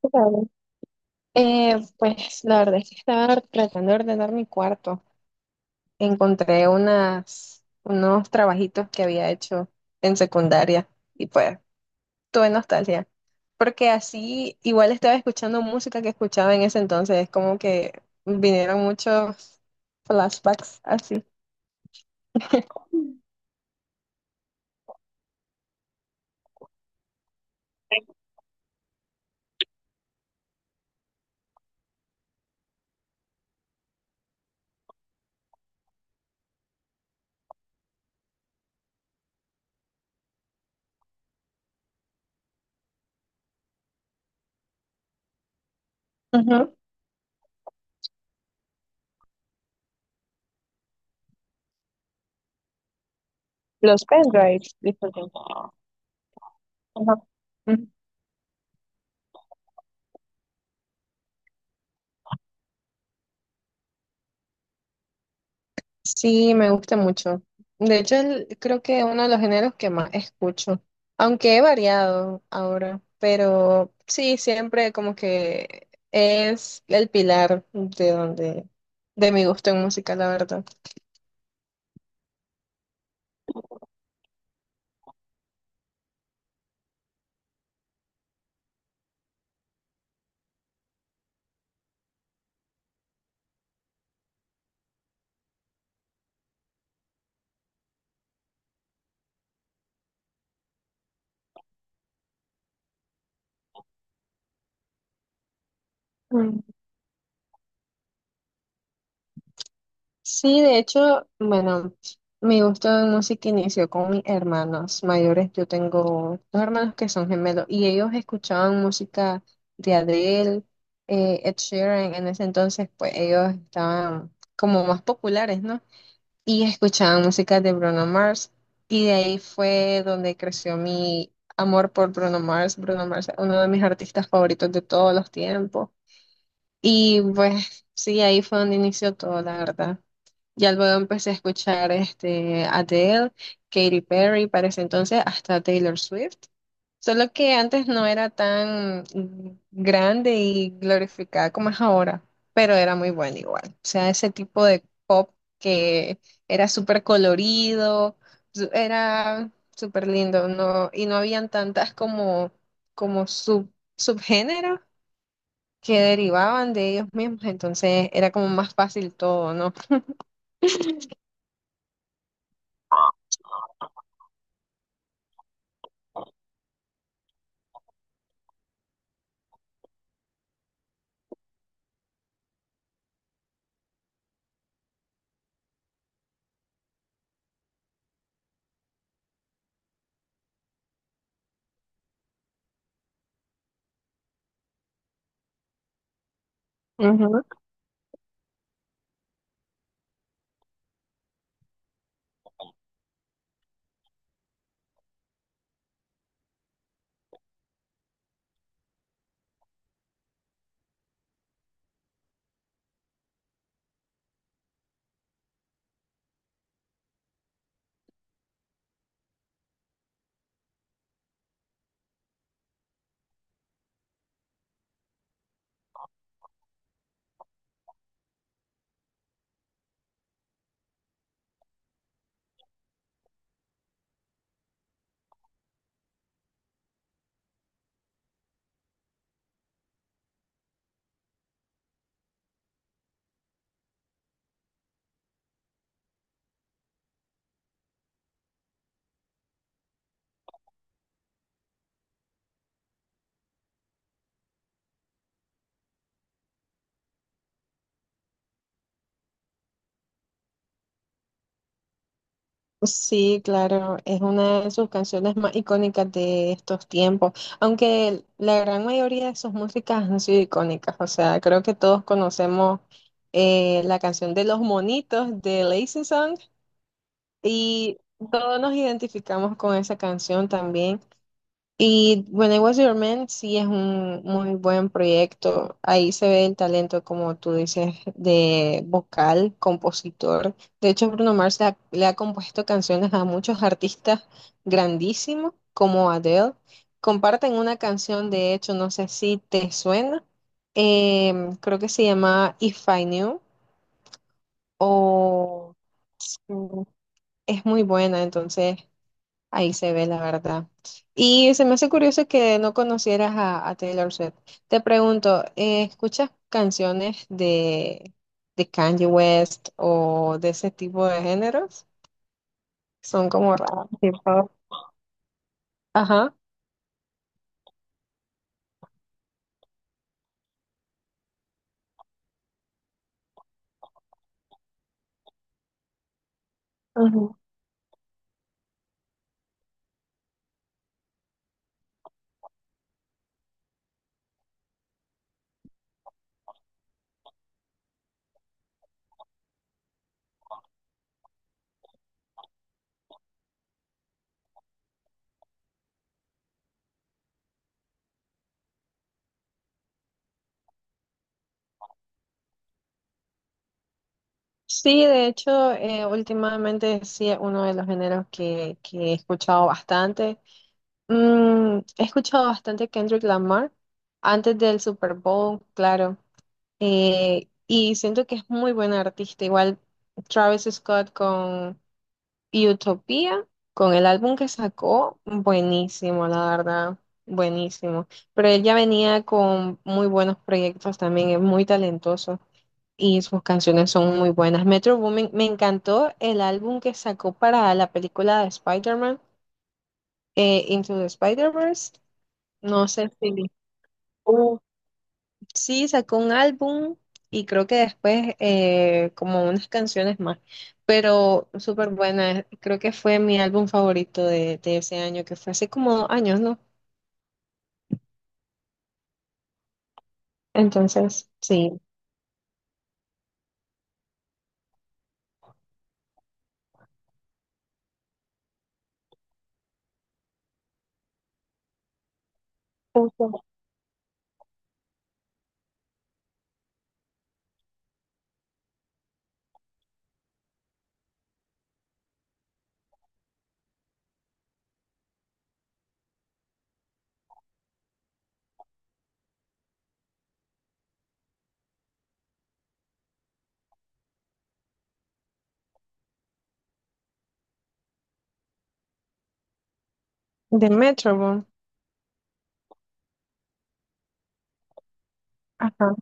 Claro. Pues la verdad es que estaba tratando de ordenar mi cuarto. Encontré unos trabajitos que había hecho en secundaria y pues tuve nostalgia. Porque así igual estaba escuchando música que escuchaba en ese entonces. Es como que vinieron muchos flashbacks así. Ujú. Los pendrives, disculpen. Ajá. Sí, me gusta mucho. De hecho, creo que uno de los géneros que más escucho, aunque he variado ahora, pero sí, siempre como que es el pilar de de mi gusto en música, la verdad. Sí, de hecho, bueno, mi gusto de música inició con mis hermanos mayores. Yo tengo dos hermanos que son gemelos y ellos escuchaban música de Adele, Ed Sheeran. En ese entonces, pues ellos estaban como más populares, ¿no? Y escuchaban música de Bruno Mars. Y de ahí fue donde creció mi amor por Bruno Mars. Bruno Mars es uno de mis artistas favoritos de todos los tiempos. Y pues sí, ahí fue donde inició todo, la verdad. Ya luego empecé a escuchar este, Adele, Katy Perry, para ese entonces hasta Taylor Swift. Solo que antes no era tan grande y glorificada como es ahora, pero era muy buena igual. O sea, ese tipo de pop que era súper colorido, era súper lindo, no, y no habían tantas como subgéneros que derivaban de ellos mismos, entonces era como más fácil todo, ¿no? Sí, claro, es una de sus canciones más icónicas de estos tiempos, aunque la gran mayoría de sus músicas han sido icónicas, o sea, creo que todos conocemos la canción de Los Monitos de Lazy Song y todos nos identificamos con esa canción también. Y When I Was Your Man sí es un muy buen proyecto. Ahí se ve el talento, como tú dices, de vocal, compositor. De hecho, Bruno Mars le ha compuesto canciones a muchos artistas grandísimos, como Adele. Comparten una canción, de hecho, no sé si te suena. Creo que se llama If I Knew o mm, es muy buena, entonces. Ahí se ve la verdad. Y se me hace curioso que no conocieras a Taylor Swift. Te pregunto, ¿escuchas canciones de Kanye West o de ese tipo de géneros? Son como raras. Tipo, ajá, ujú. Sí, de hecho, últimamente sí es uno de los géneros que he escuchado bastante. He escuchado bastante Kendrick Lamar antes del Super Bowl, claro. Y siento que es muy buena artista. Igual Travis Scott con Utopia, con el álbum que sacó, buenísimo, la verdad, buenísimo. Pero él ya venía con muy buenos proyectos también, es muy talentoso y sus canciones son muy buenas. Metro Boomin, me encantó el álbum que sacó para la película de Spider-Man, Into the Spider-Verse. No sé si... Uf, sí, sacó un álbum y creo que después como unas canciones más, pero súper buena. Creo que fue mi álbum favorito de ese año, que fue hace como dos años, ¿no? Entonces, sí. Justo. De Metro. Ajá.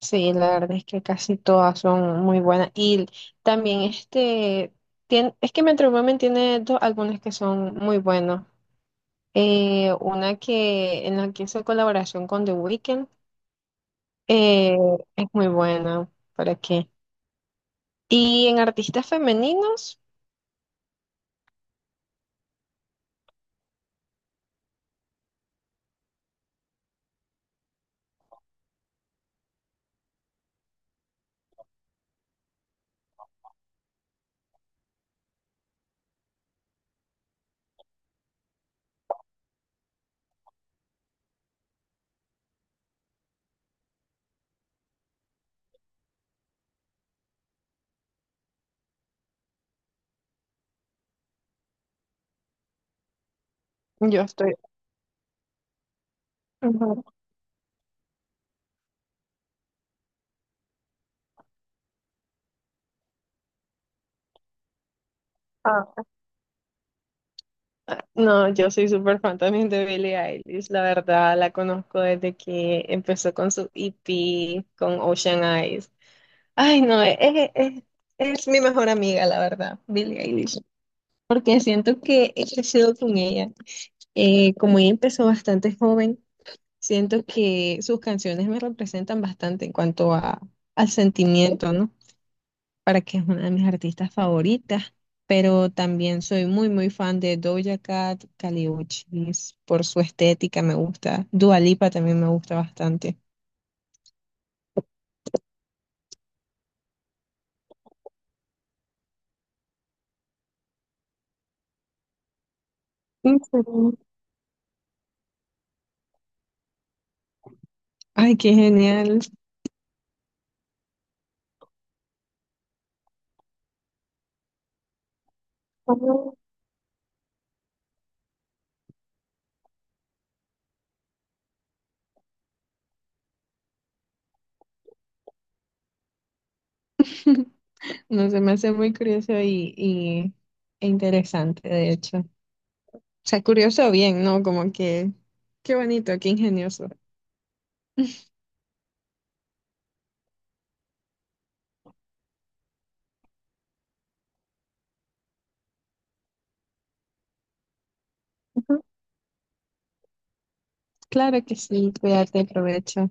Sí, la verdad es que casi todas son muy buenas. Y también este, tiene, es que Metro Boomin tiene dos álbumes que son muy buenos. Una que en la que hizo colaboración con The Weeknd. Eh, es muy buena, ¿para qué? Y en artistas femeninos, yo estoy... Ujú. Ah, ah, no, yo soy súper fan también de Billie Eilish, la verdad, la conozco desde que empezó con su EP, con Ocean Eyes. Ay, no, es mi mejor amiga, la verdad, Billie Eilish, porque siento que he crecido con ella. Como ella empezó bastante joven, siento que sus canciones me representan bastante en cuanto al sentimiento, ¿no? Para que es una de mis artistas favoritas, pero también soy muy, muy fan de Doja Cat, Kali Uchis, por su estética me gusta. Dua Lipa también me gusta bastante. ¿En serio? Ay, qué genial. Bueno, no se me hace muy e interesante, de hecho. O sea, curioso bien, ¿no? Como que, qué bonito, qué ingenioso. Ujú, claro que sí, cuídate, provecho.